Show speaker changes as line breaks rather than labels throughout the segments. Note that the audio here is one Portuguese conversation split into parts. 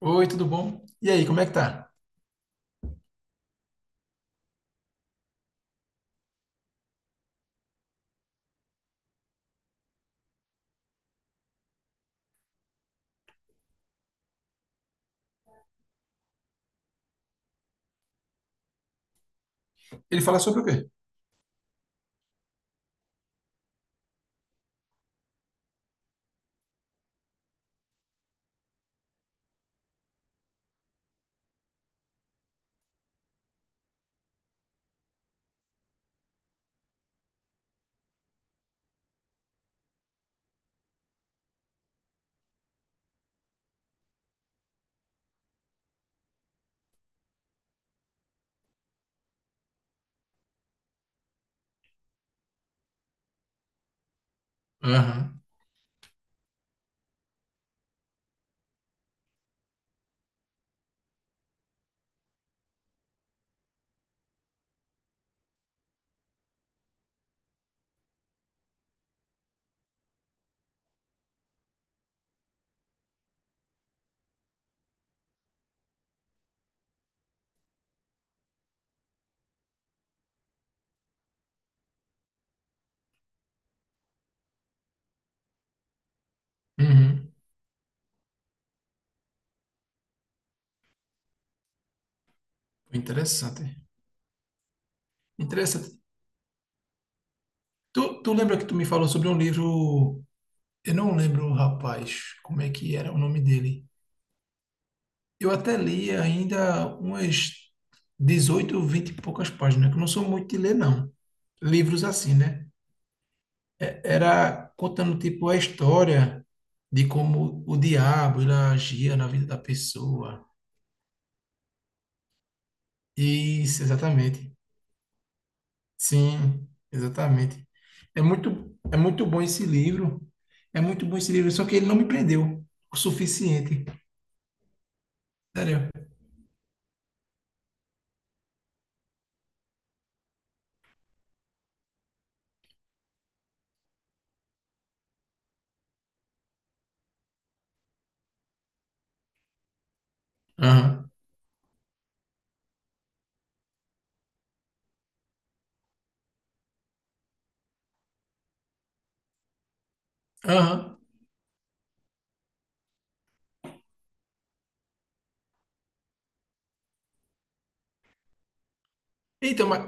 Oi, tudo bom? E aí, como é que tá? Ele fala sobre o quê? Aham, uhum. Interessante. Interessante. Tu lembra que tu me falou sobre um livro? Eu não lembro, rapaz, como é que era o nome dele. Eu até li ainda umas 18, 20 e poucas páginas, que eu não sou muito de ler, não. Livros assim, né? Era contando, tipo, a história de como o diabo ele agia na vida da pessoa. Isso, exatamente. Sim, exatamente. É muito bom esse livro. É muito bom esse livro, só que ele não me prendeu o suficiente. Sério. Aham. Aham. Então, mas,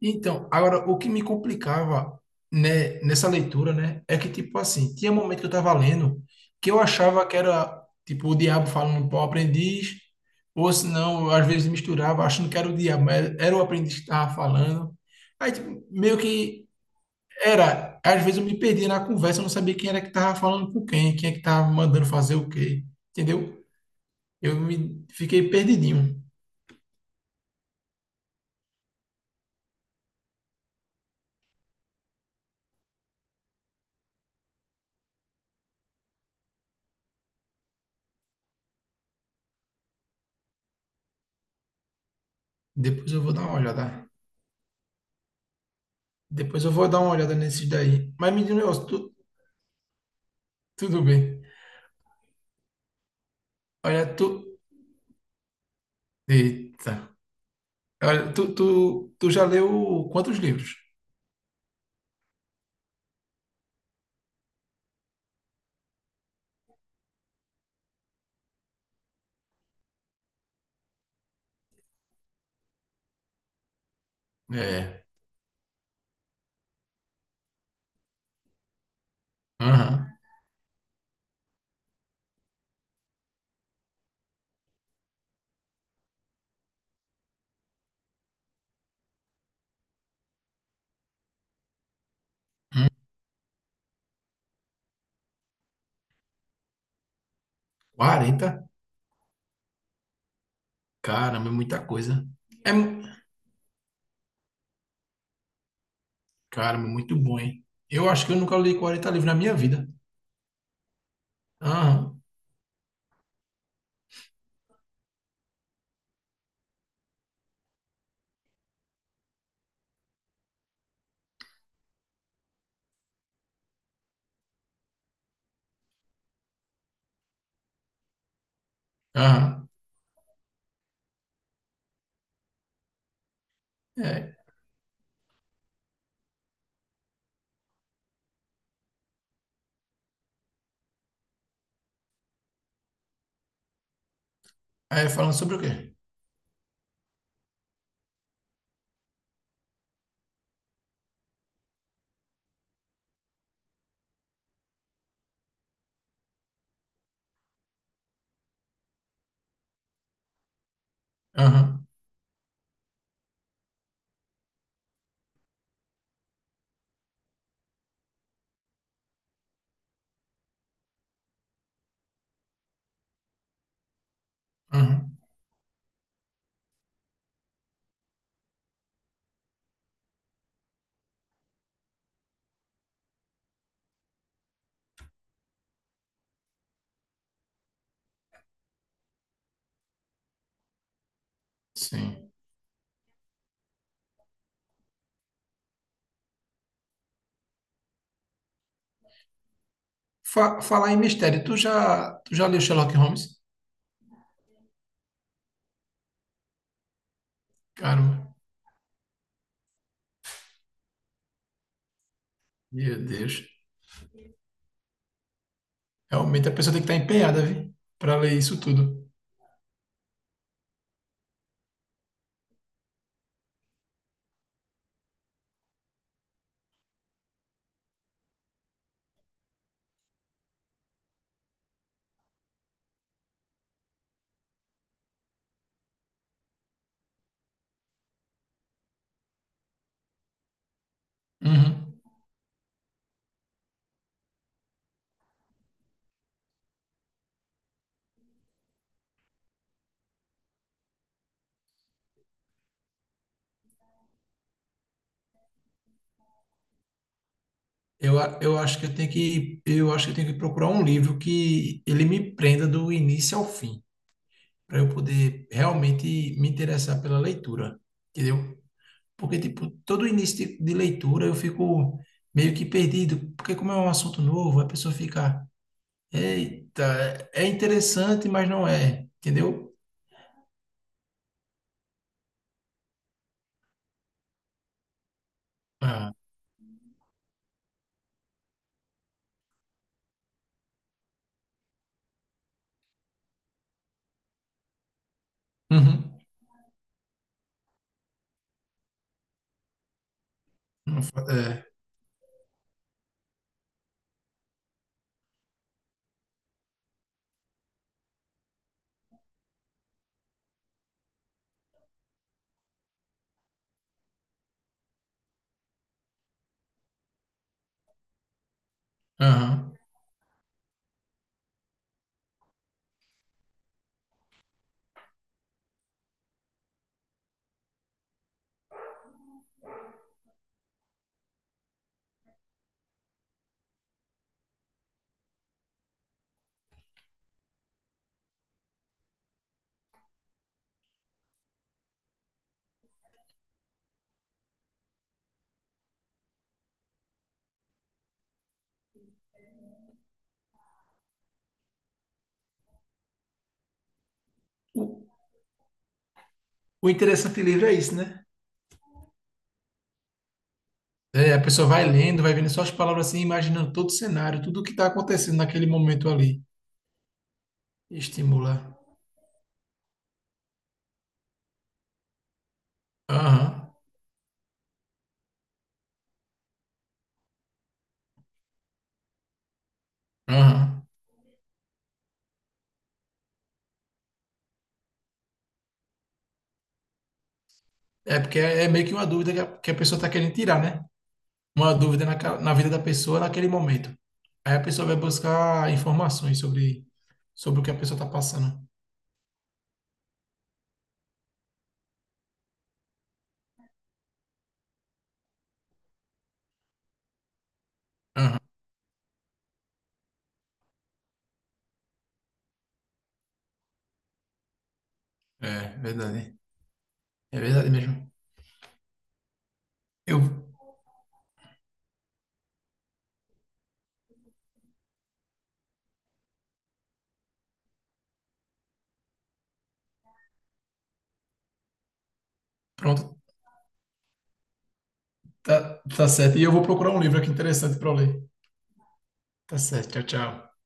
então, agora o que me complicava, né, nessa leitura, né, é que, tipo, assim, tinha momento que eu tava lendo que eu achava que era tipo o diabo falando para o aprendiz, ou se não, às vezes misturava achando que era o diabo, mas era o aprendiz que estava falando. Aí, tipo, meio que era, às vezes eu me perdia na conversa, eu não sabia quem era que tava falando com quem, quem é que tava mandando fazer o quê, entendeu? Eu me fiquei perdidinho. Depois eu vou dar uma olhada. Depois eu vou dar uma olhada nesses daí. Mas me diz um negócio. Tudo bem. Olha, tu. Eita. Olha, tu já leu quantos livros? É. Aham. Hum, 40? Caramba, é muita coisa. É. Caramba, é muito bom, hein? Eu acho que eu nunca li 40 livros na minha vida. Aham. Aham. É. É, falando sobre o quê? Aham, aham, sim. Falar em mistério, tu já leu Sherlock Holmes? Caramba, meu Deus. Realmente a pessoa tem que estar empenhada, viu? Pra ler isso tudo. Uhum. Eu acho que eu tenho que procurar um livro que ele me prenda do início ao fim, para eu poder realmente me interessar pela leitura, entendeu? Porque, tipo, todo início de leitura eu fico meio que perdido, porque como é um assunto novo, a pessoa fica. Eita, é interessante, mas não é, entendeu? Ah, uhum. Não fa-. É, aham. O, o interessante livro é isso, né? É, a pessoa vai lendo, vai vendo só as palavras assim, imaginando todo o cenário, tudo o que está acontecendo naquele momento ali. Estimula. Aham, aham. É porque é meio que uma dúvida que a pessoa está querendo tirar, né? Uma dúvida na vida da pessoa naquele momento. Aí a pessoa vai buscar informações sobre o que a pessoa está passando. Aham. É verdade. É verdade mesmo. Eu, Pronto, tá, tá certo. E eu vou procurar um livro aqui interessante para eu ler. Tá certo, tchau, tchau.